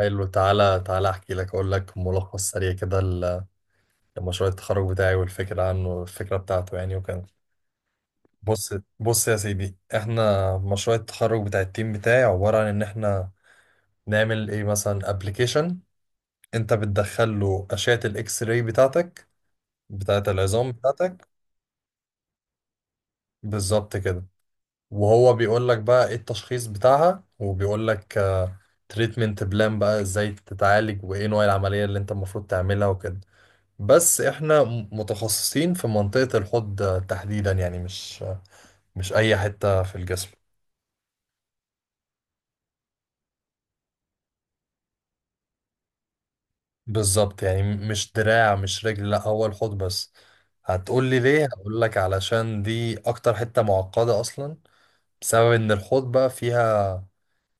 حلو، تعالى احكي لك، اقول لك ملخص سريع كده لمشروع التخرج بتاعي والفكره عنه، الفكره بتاعته يعني وكده. بص بص يا سيدي، احنا مشروع التخرج بتاع التيم بتاعي عباره عن ان احنا نعمل ايه، مثلا ابلكيشن انت بتدخل له اشعه الاكس راي بتاعتك، بتاعه العظام بتاعتك. بالظبط كده. وهو بيقول لك بقى ايه التشخيص بتاعها، وبيقول لك تريتمنت بلان بقى، ازاي تتعالج وايه نوع العمليه اللي انت المفروض تعملها وكده. بس احنا متخصصين في منطقة الحوض تحديدا، يعني مش اي حتة في الجسم. بالظبط، يعني مش دراع، مش رجل، لا، هو الحوض بس. هتقول لي ليه؟ هقول لك، علشان دي اكتر حتة معقدة اصلا. بسبب ان الحوض بقى فيها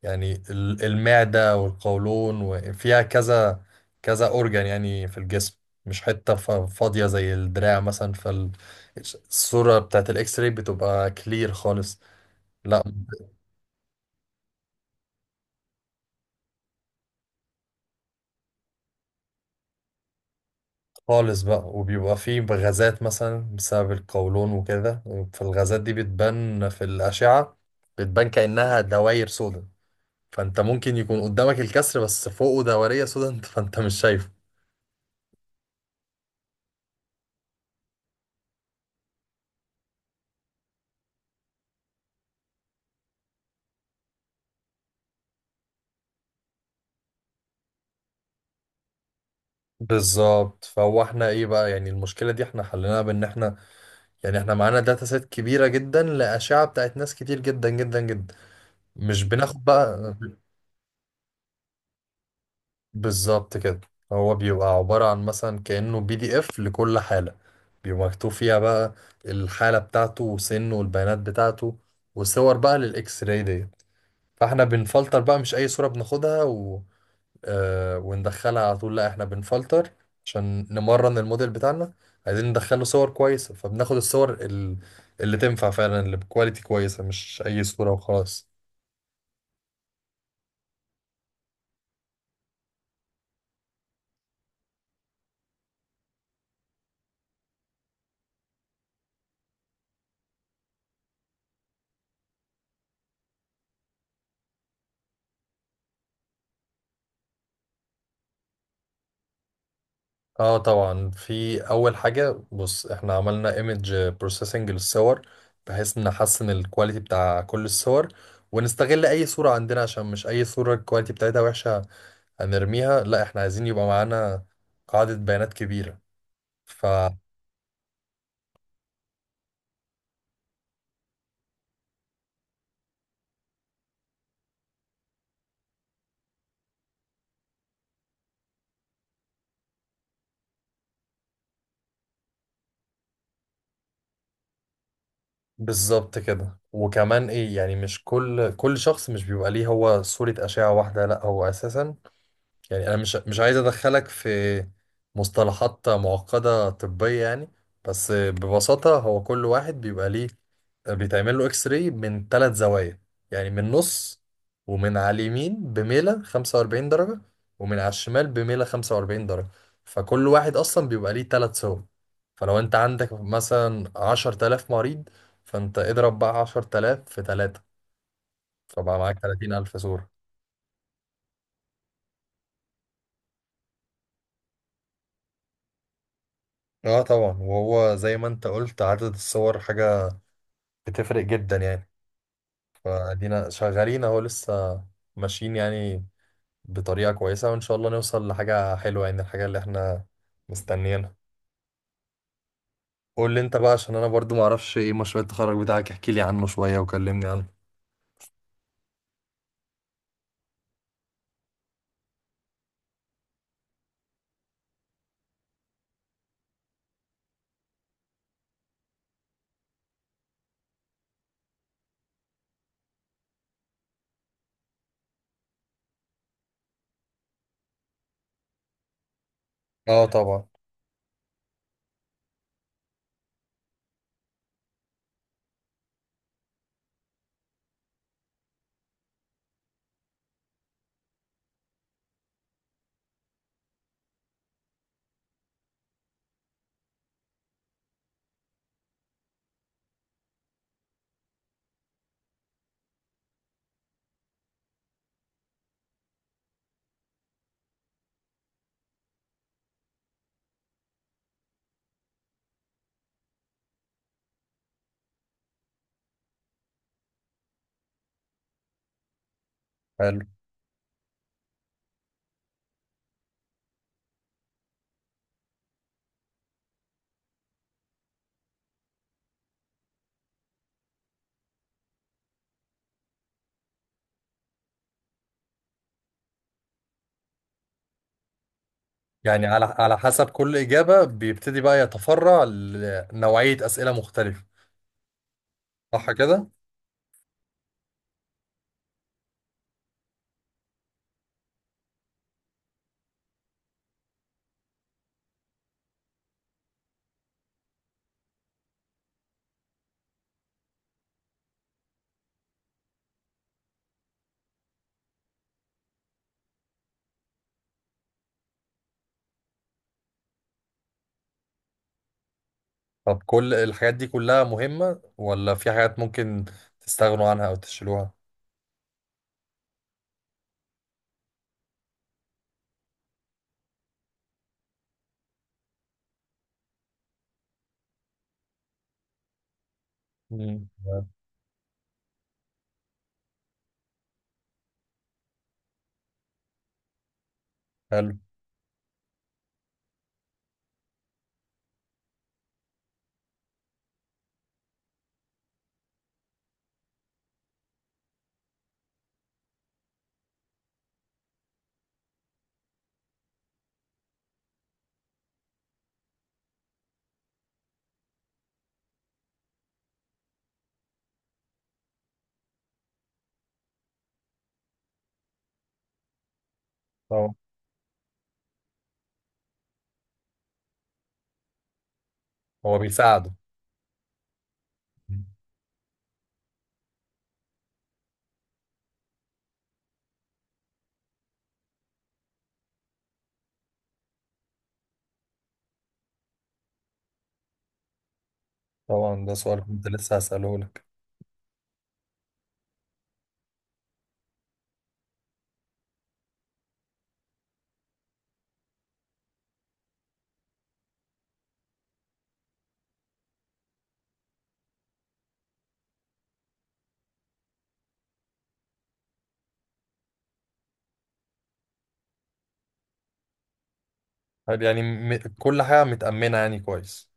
يعني المعدة والقولون، وفيها كذا اورجان يعني في الجسم، مش حتة فاضية زي الدراع مثلا. فالصورة بتاعت الاكس راي بتبقى كلير خالص، لا، خالص بقى. وبيبقى فيه غازات مثلا بسبب القولون وكده، فالغازات دي بتبان في الأشعة، بتبان كأنها دواير سودا. فأنت ممكن يكون قدامك الكسر بس فوقه دورية سودا، فأنت مش شايفه. بالظبط. فهو احنا ايه بقى يعني، المشكلة دي احنا حليناها بان احنا يعني احنا معانا داتا سيت كبيرة جدا لأشعة بتاعت ناس كتير جدا جدا جدا، مش بناخد بقى بالظبط كده. هو بيبقى عبارة عن مثلا كأنه بي دي اف لكل حالة، بيبقى مكتوب فيها بقى الحالة بتاعته وسنه والبيانات بتاعته وصور بقى للإكس راي دي. فاحنا بنفلتر بقى، مش أي صورة بناخدها و... آه وندخلها على طول، لا، احنا بنفلتر عشان نمرن الموديل بتاعنا. عايزين ندخله صور كويسة، فبناخد الصور اللي تنفع فعلا، اللي بكواليتي كويسة، مش أي صورة وخلاص. اه طبعا. في اول حاجه بص، احنا عملنا ايمج بروسيسنج للصور بحيث نحسن الكواليتي بتاع كل الصور، ونستغل اي صوره عندنا، عشان مش اي صوره الكواليتي بتاعتها وحشه هنرميها، لا، احنا عايزين يبقى معانا قاعده بيانات كبيره. فبالظبط كده. وكمان ايه يعني، مش كل شخص مش بيبقى ليه هو صوره اشعه واحده، لا هو اساسا، يعني انا مش عايز ادخلك في مصطلحات معقدة طبية يعني، بس ببساطة هو كل واحد بيبقى ليه، بيتعمل له اكس راي من ثلاث زوايا، يعني من النص، ومن على اليمين بميلة 45 درجة، ومن على الشمال بميلة 45 درجة. فكل واحد اصلا بيبقى ليه ثلاث صور، فلو انت عندك مثلا 10,000 مريض، فانت اضرب بقى 10,000 في 3، فبقى معاك 30,000 صورة. اه طبعا، وهو زي ما انت قلت عدد الصور حاجة بتفرق جدا يعني. فادينا شغالين اهو لسه، ماشيين يعني بطريقة كويسة، وان شاء الله نوصل لحاجة حلوة، يعني الحاجة اللي احنا مستنيينها. قول لي انت بقى، عشان انا برضو معرفش ايه مشروع التخرج بتاعك، احكي لي عنه شوية وكلمني عنه. اه طبعا. حلو. يعني على على حسب كل إجابة بيبتدي بقى يتفرع لنوعية أسئلة مختلفة، صح كده؟ طب كل الحاجات دي كلها مهمة، ولا في حاجات ممكن تستغنوا عنها أو تشيلوها؟ مم. حلو. طبعا. هو بيساعدوا. طبعا، ده سؤال كنت لسه هسأله لك. طيب يعني كل حاجة متأمنة يعني كويس.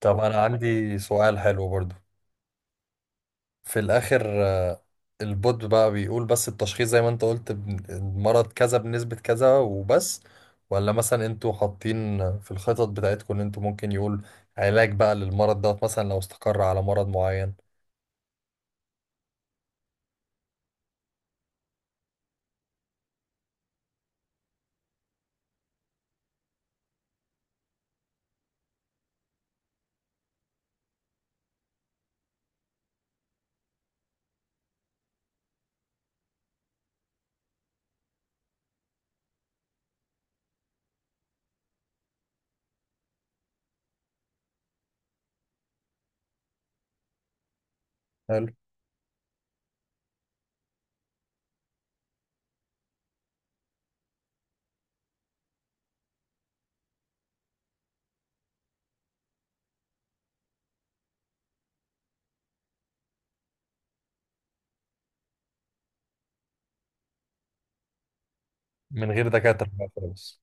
طب أنا عندي سؤال حلو برضو. في الآخر البوت بقى بيقول بس التشخيص زي ما أنت قلت، المرض كذا بنسبة كذا وبس، ولا مثلا أنتوا حاطين في الخطط بتاعتكم إن أنتوا ممكن يقول علاج بقى للمرض دوت، مثلا لو استقر على مرض معين. حلو. من غير دكاترة بقى خالص.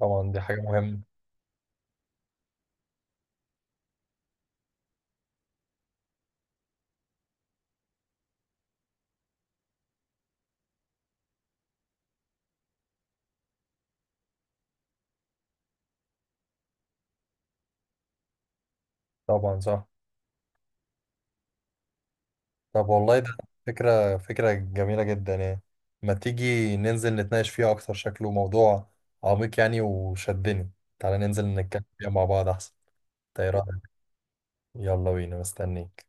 طبعا دي حاجة مهمة. طبعا صح. طب والله ده فكرة جميلة جدا يعني، ما تيجي ننزل نتناقش فيها أكتر، شكله موضوع عميق يعني وشدني، تعالى ننزل نتكلم فيها مع بعض أحسن. طيب. يلا بينا مستنيك.